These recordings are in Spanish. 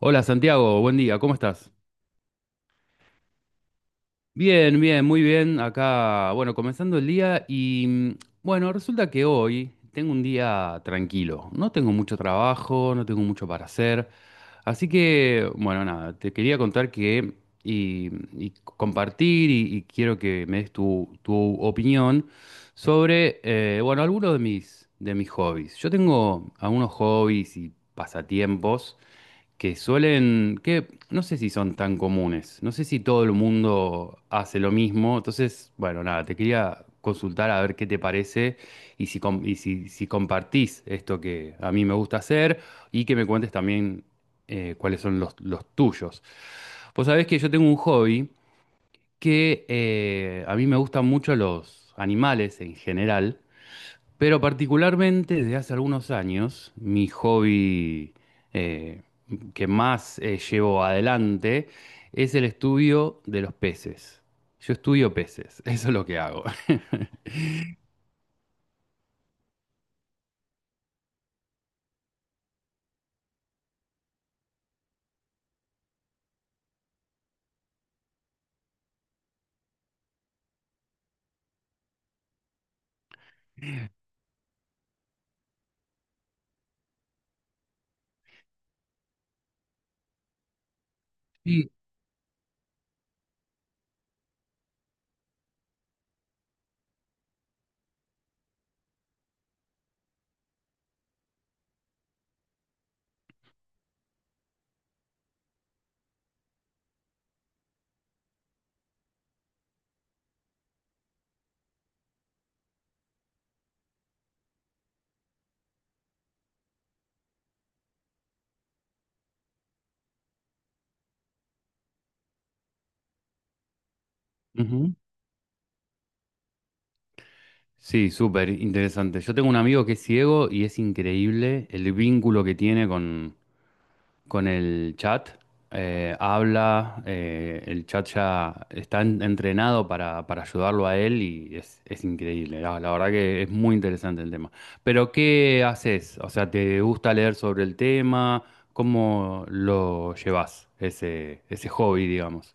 Hola Santiago, buen día, ¿cómo estás? Bien, bien, muy bien. Acá, bueno, comenzando el día y bueno, resulta que hoy tengo un día tranquilo. No tengo mucho trabajo, no tengo mucho para hacer. Así que, bueno, nada, te quería contar que y compartir y quiero que me des tu opinión sobre, bueno, algunos de mis hobbies. Yo tengo algunos hobbies y pasatiempos que suelen, que no sé si son tan comunes, no sé si todo el mundo hace lo mismo, entonces, bueno, nada, te quería consultar a ver qué te parece y si, si compartís esto que a mí me gusta hacer y que me cuentes también cuáles son los tuyos. Vos sabés que yo tengo un hobby que a mí me gustan mucho los animales en general. Pero particularmente desde hace algunos años, mi hobby eh, que más llevo adelante es el estudio de los peces. Yo estudio peces, eso es lo que hago. Sí. Ujú. Sí, súper interesante. Yo tengo un amigo que es ciego y es increíble el vínculo que tiene con el chat, habla, el chat ya está entrenado para ayudarlo a él y es increíble, la verdad que es muy interesante el tema. Pero ¿qué haces? O sea, ¿te gusta leer sobre el tema? ¿Cómo lo llevas, ese hobby, digamos?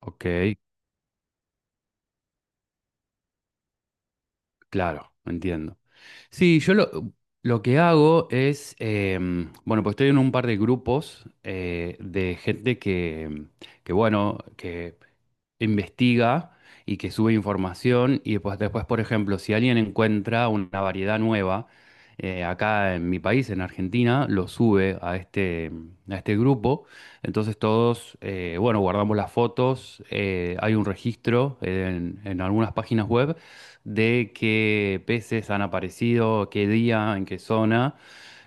Ok, claro, entiendo. Sí, lo que hago es, bueno, pues estoy en un par de grupos de gente que, que, bueno, que investiga y que sube información y pues después, por ejemplo, si alguien encuentra una variedad nueva acá en mi país, en Argentina, lo sube a a este grupo. Entonces todos, bueno, guardamos las fotos, hay un registro en algunas páginas web de qué peces han aparecido, qué día, en qué zona.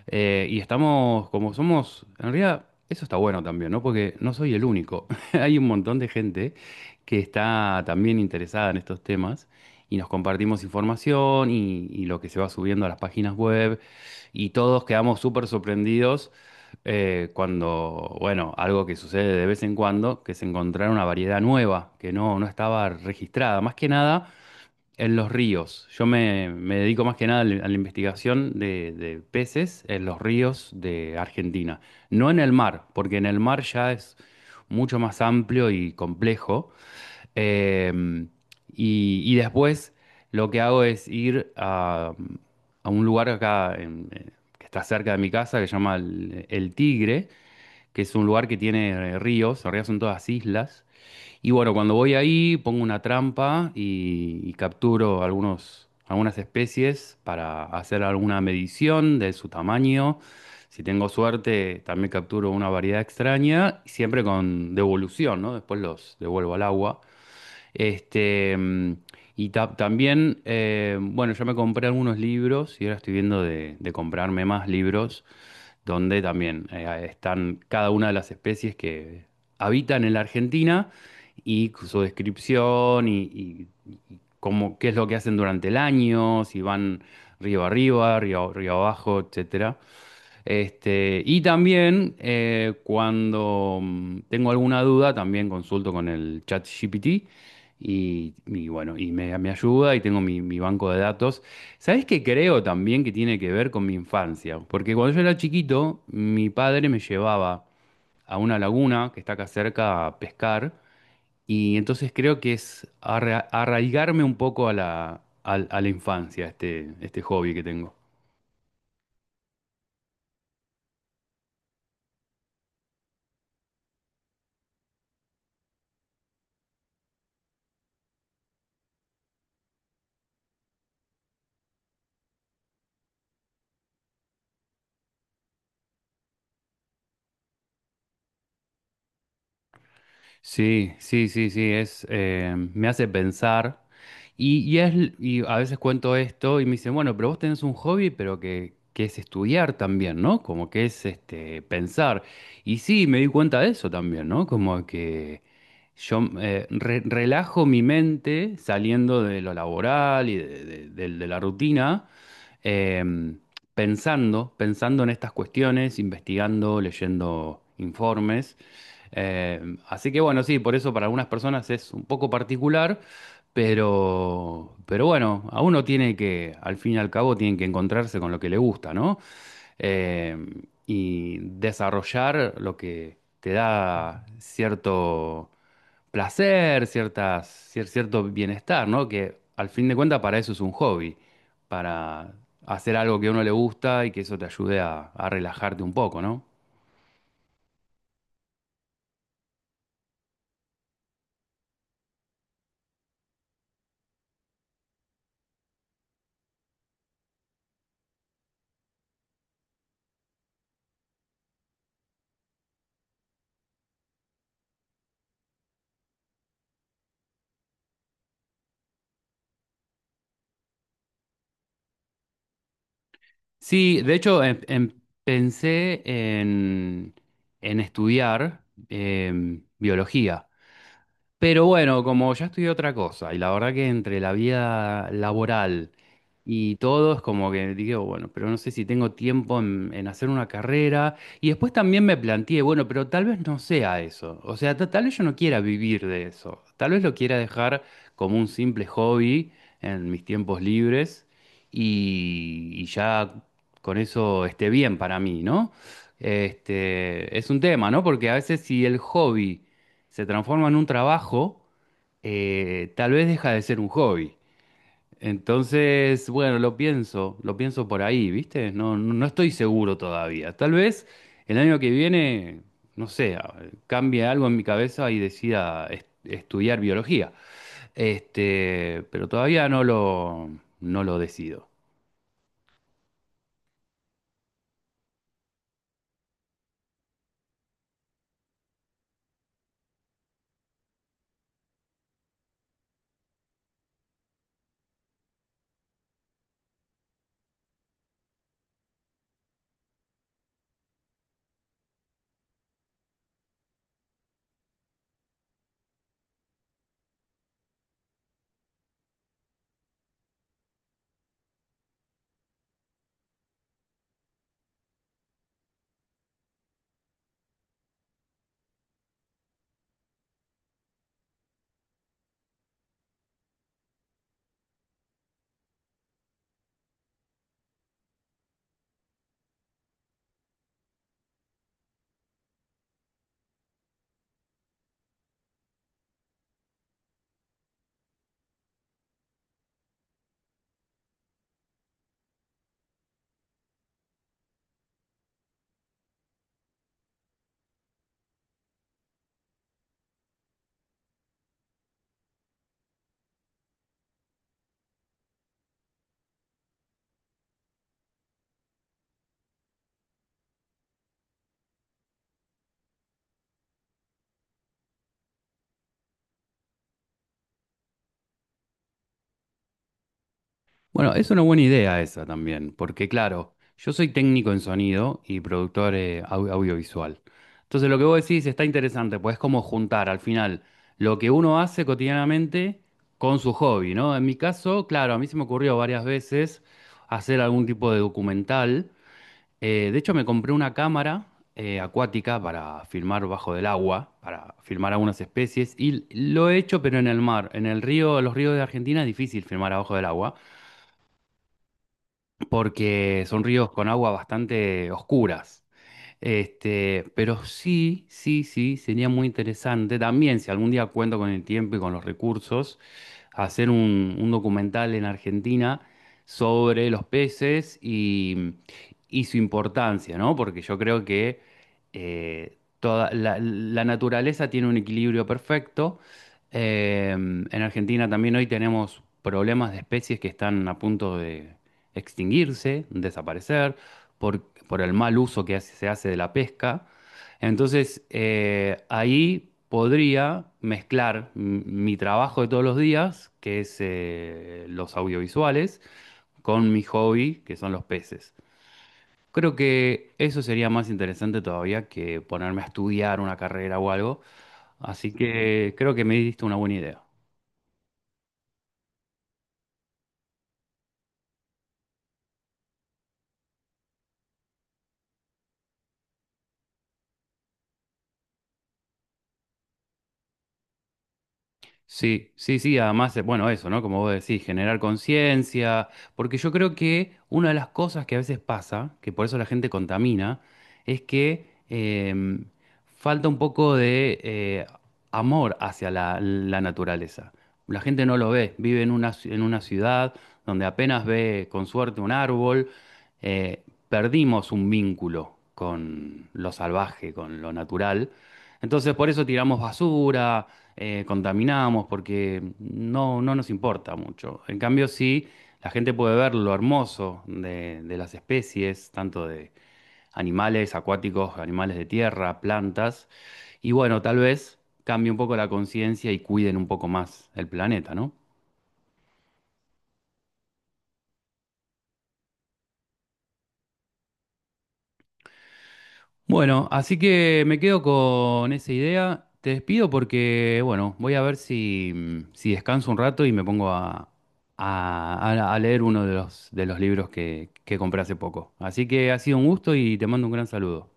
Y estamos, como somos, en realidad eso está bueno también, ¿no? Porque no soy el único. Hay un montón de gente que está también interesada en estos temas y nos compartimos información y lo que se va subiendo a las páginas web y todos quedamos súper sorprendidos cuando, bueno, algo que sucede de vez en cuando, que se encontraron una variedad nueva que no, no estaba registrada. Más que nada en los ríos. Me dedico más que nada a la investigación de peces en los ríos de Argentina. No en el mar, porque en el mar ya es mucho más amplio y complejo. Eh, y después lo que hago es ir a un lugar acá que está cerca de mi casa que se llama El Tigre, que es un lugar que tiene ríos. En realidad son todas islas. Y bueno, cuando voy ahí pongo una trampa y capturo algunos, algunas especies para hacer alguna medición de su tamaño. Si tengo suerte, también capturo una variedad extraña, siempre con devolución, ¿no? Después los devuelvo al agua. Este, mm, también, bueno, yo me compré algunos libros y ahora estoy viendo de comprarme más libros donde también están cada una de las especies que habitan en la Argentina y su descripción y cómo, qué es lo que hacen durante el año, si van río arriba, río abajo, etcétera. Y también cuando tengo alguna duda, también consulto con el chat GPT y bueno, me ayuda y tengo mi banco de datos. ¿Sabés qué creo también que tiene que ver con mi infancia? Porque cuando yo era chiquito, mi padre me llevaba a una laguna que está acá cerca a pescar y entonces creo que es arraigarme un poco a la, a la infancia, este hobby que tengo. Sí, sí, sí, sí, es, me hace pensar. Y es, y a veces cuento esto y me dicen, bueno, pero vos tenés un hobby, pero que es estudiar también, ¿no? Como que es este, pensar. Y sí, me di cuenta de eso también, ¿no? Como que yo relajo mi mente saliendo de lo laboral y de, de la rutina, em, pensando, pensando en estas cuestiones, investigando, leyendo informes. Eh, Así que bueno, sí, por eso para algunas personas es un poco particular, pero bueno, a uno tiene que, al fin y al cabo, tiene que encontrarse con lo que le gusta, ¿no? Eh, y desarrollar lo que te da cierto placer, ciertas, cierto bienestar, ¿no? Que al fin de cuentas para eso es un hobby, para hacer algo que a uno le gusta y que eso te ayude a relajarte un poco, ¿no? Sí, de hecho, pensé en estudiar biología. Pero bueno, como ya estudié otra cosa, y la verdad que entre la vida laboral y todo es como que digo, bueno, pero no sé si tengo tiempo en hacer una carrera. Y después también me planteé, bueno, pero tal vez no sea eso. O sea, tal vez yo no quiera vivir de eso. Tal vez lo quiera dejar como un simple hobby en mis tiempos libres y ya con eso esté bien para mí, ¿no? Es un tema, ¿no? Porque a veces si el hobby se transforma en un trabajo, tal vez deja de ser un hobby. Entonces, bueno, lo pienso por ahí, ¿viste? No, no estoy seguro todavía. Tal vez el año que viene, no sé, cambie algo en mi cabeza y decida estudiar biología. Pero todavía no lo, no lo decido. Bueno, es una buena idea esa también, porque claro, yo soy técnico en sonido y productor audiovisual. Entonces lo que vos decís está interesante, pues es como juntar al final lo que uno hace cotidianamente con su hobby, ¿no? En mi caso, claro, a mí se me ocurrió varias veces hacer algún tipo de documental. De hecho, me compré una cámara acuática para filmar bajo del agua, para filmar algunas especies, y lo he hecho, pero en el mar. En el río, los ríos de Argentina es difícil filmar abajo del agua porque son ríos con aguas bastante oscuras. Pero sí, sí, sí, sería muy interesante también, si algún día cuento con el tiempo y con los recursos, hacer un documental en Argentina sobre los peces y su importancia, ¿no? Porque yo creo que toda la naturaleza tiene un equilibrio perfecto. En Argentina también hoy tenemos problemas de especies que están a punto de extinguirse, desaparecer por, por el mal uso que se hace de la pesca. Entonces, ahí podría mezclar mi trabajo de todos los días, que es los audiovisuales, con mi hobby, que son los peces. Creo que eso sería más interesante todavía que ponerme a estudiar una carrera o algo. Así que creo que me diste una buena idea. Sí, sí, sí, además, bueno, eso, ¿no? Como vos decís, generar conciencia, porque yo creo que una de las cosas que a veces pasa, que por eso la gente contamina, es que falta un poco de amor hacia la naturaleza. La gente no lo ve, vive en una, en una ciudad donde apenas ve con suerte un árbol, eh, perdimos un vínculo con lo salvaje, con lo natural. Entonces por eso tiramos basura, contaminamos, porque no, no nos importa mucho. En cambio, sí, la gente puede ver lo hermoso de las especies, tanto de animales acuáticos, animales de tierra, plantas, y bueno, tal vez cambie un poco la conciencia y cuiden un poco más el planeta, ¿no? Bueno, así que me quedo con esa idea. Te despido porque, bueno, voy a ver si, si descanso un rato y me pongo a, a leer uno de los libros que compré hace poco. Así que ha sido un gusto y te mando un gran saludo.